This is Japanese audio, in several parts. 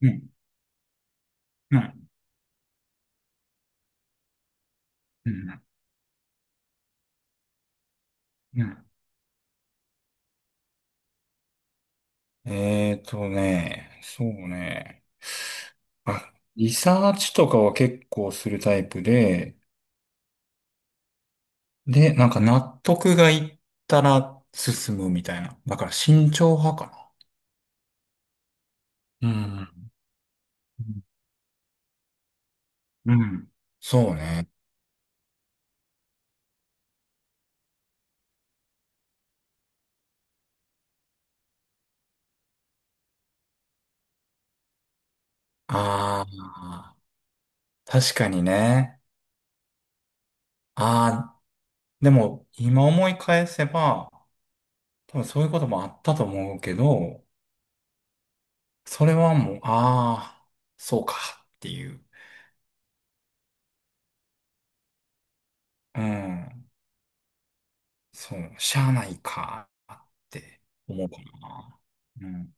うん、うん、うん、うん。そうね。あ、リサーチとかは結構するタイプで、なんか納得がいったら進むみたいな。だから慎重派かな。うん。うん。うんそうね。ああ、確かにね。ああ、でも今思い返せば、多分そういうこともあったと思うけど、それはもう、ああ、そうかっていう。うん。そう、しゃあないかって思うかな。うん。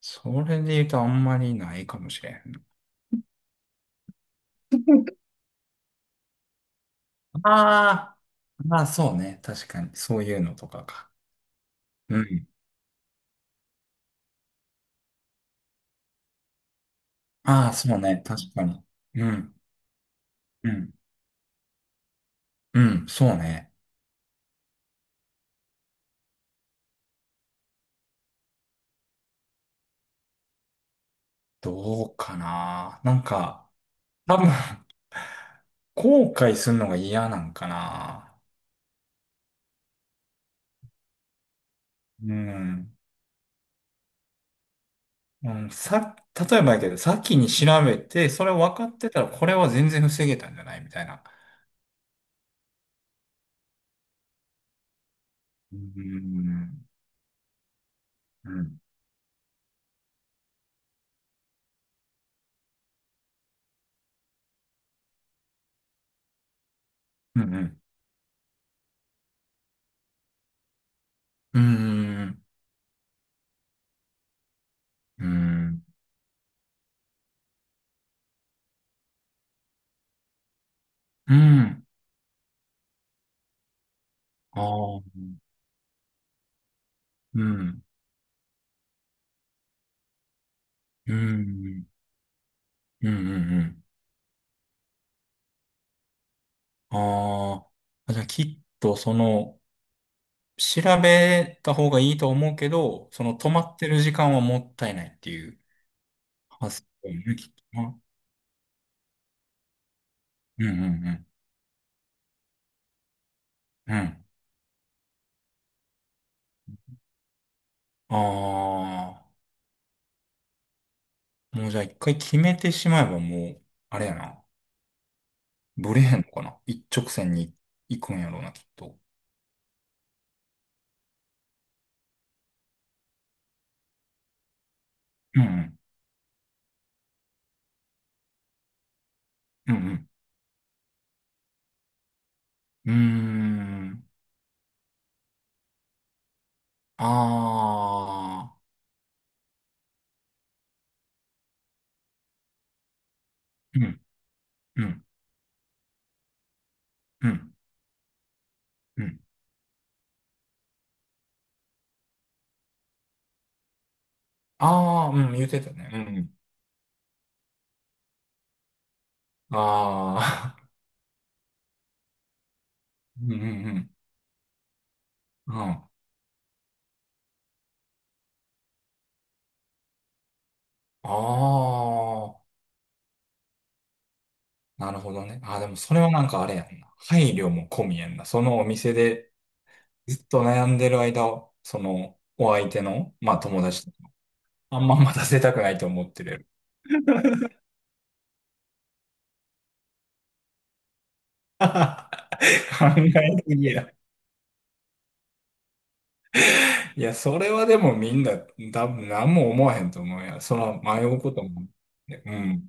それで言うとあんまりないかもしれん。ああ、まあそうね。確かに。そういうのとかか。うん。ああ、そうね。確かに。うん。うん。うん。そうね。どうかな。なんか、多分、後悔するのが嫌なんかな。うん。うん、例えばやけど、先に調べて、それ分かってたら、これは全然防げたんじゃないみたいな。うん。うん。うん。うん。うん。うん。ああ。うん。うん。うん。うん。ああ。じゃあ、きっと、調べた方がいいと思うけど、止まってる時間はもったいないっていう発想ね、きっとな。うん。うん。うん。うん。ああ。もう、じゃあ、一回決めてしまえば、もう、あれやな。ブレへんのかな。一直線に行くんやろうな、きっと。うん。うん。うん。うーん。ああ。うん。うん。うん。うん。ああ、うん。言ってたね。うん。ああ。うん。うん。うん。うんああ。なるほどね。ああ、でもそれはなんかあれやんな。配慮も込みやんな。そのお店でずっと悩んでる間を、お相手の、まあ友達と、あんま待たせたくないと思ってる。考えすぎや。いや、それはでもみんな、多分何も思わへんと思うやその迷うことも。ねうん。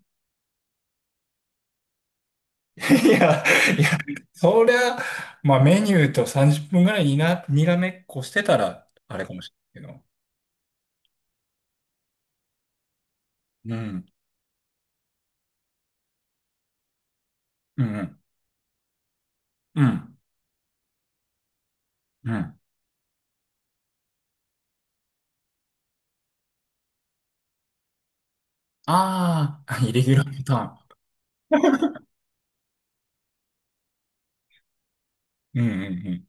いや、いや、そりゃ、まあメニューと30分ぐらいにな、にらめっこしてたら、あれかもしれないけど。うん。うん。うん。うん。ああー、イレギュラーパターン。うんうんうん。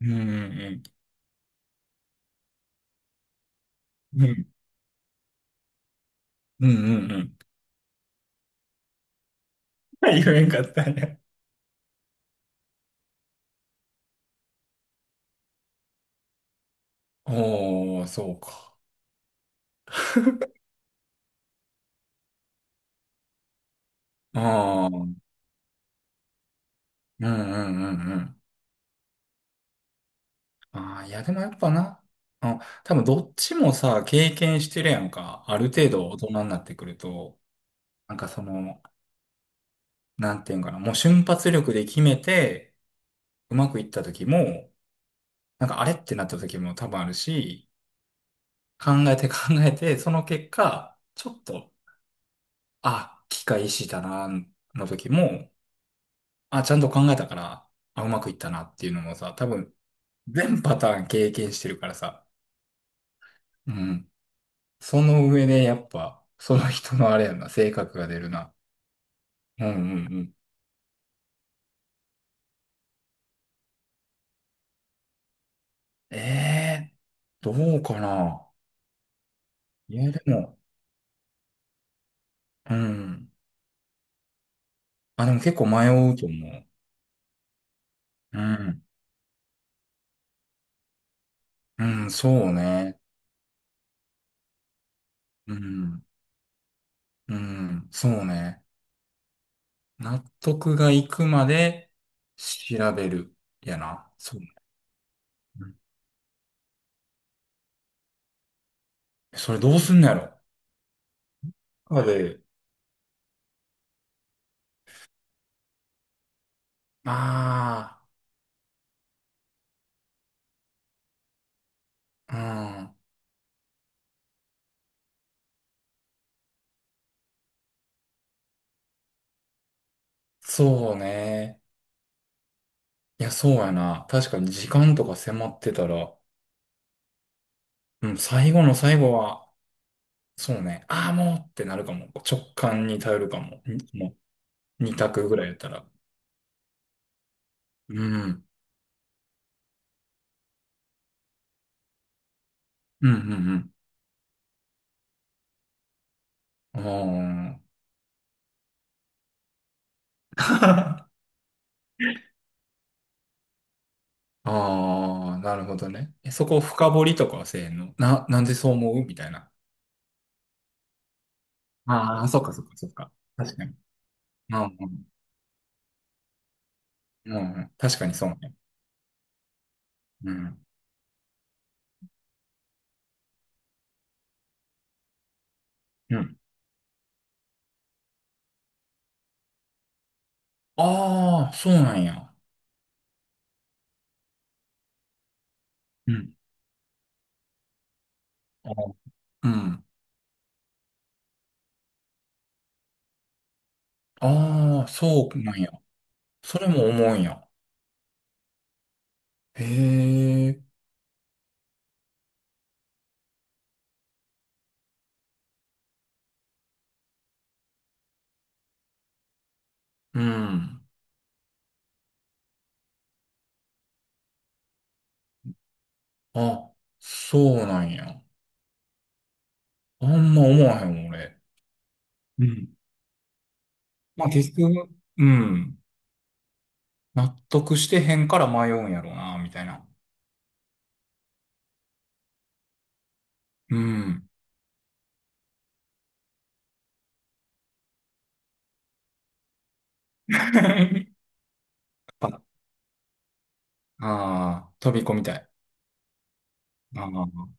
うんうんうん。うんうんうん。うん 言えんかったんや。おー、そうか。ああ、うんうんうんうん。ああ、いや、でもやっぱな、あ、多分どっちもさ、経験してるやんか。ある程度大人になってくると、なんかその、なんていうんかな、もう瞬発力で決めて、うまくいった時も、なんかあれってなった時も多分あるし、考えて考えて、その結果、ちょっと、あ、機械意識だな、の時も、あ、ちゃんと考えたから、あ、うまくいったなっていうのもさ、多分、全パターン経験してるからさ。うん。その上でやっぱ、その人のあれやな、性格が出るな。うんうんうん。ええー、どうかな。いや、でも、うん。あ、でも結構迷うと思う。うん。うん、そうね。うん。うん、そうね。納得がいくまで調べる。やな。そう。うんそれどうすんのやろ。あで。ああ、うん。そうね。いや、そうやな。確かに時間とか迫ってたら、うん、最後の最後は、そうね、ああ、もうってなるかも。直感に頼るかも。にもう、二択ぐらいやったら。うん。うん、うん。ああ。ああ、なるほどね。え、そこ深掘りとかはせえへんのな、なんでそう思うみたいな。ああ、そっかそっかそっか。確かに。うんうん、うんうん。確かにそうね。うん。うん。ああ、そうなんや。うん。あーうん。ああ、そうなんや。それも思うんや。へえ。うん。あ、そうなんや。あんま思わへん、俺。うん。まあ結局、うん。納得してへんから迷うんやろうな、みたいな。うん。やっぱああ飛び込みたい。あ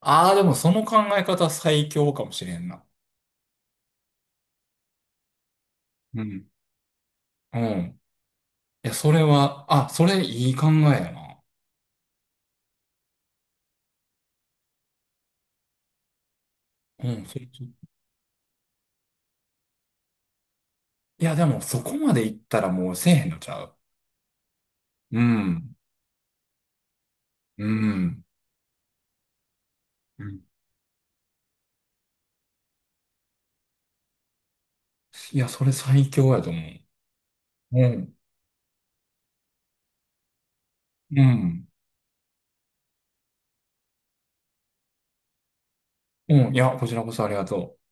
ああー、でもその考え方最強かもしれんな。うん。うん。いや、それは、あ、それいい考えやな。うん、それちょいや、でもそこまでいったらもうせえへんのちゃう。うん。うん。うんいや、それ最強やと思う。うん。うん。うん。いや、こちらこそありがとう。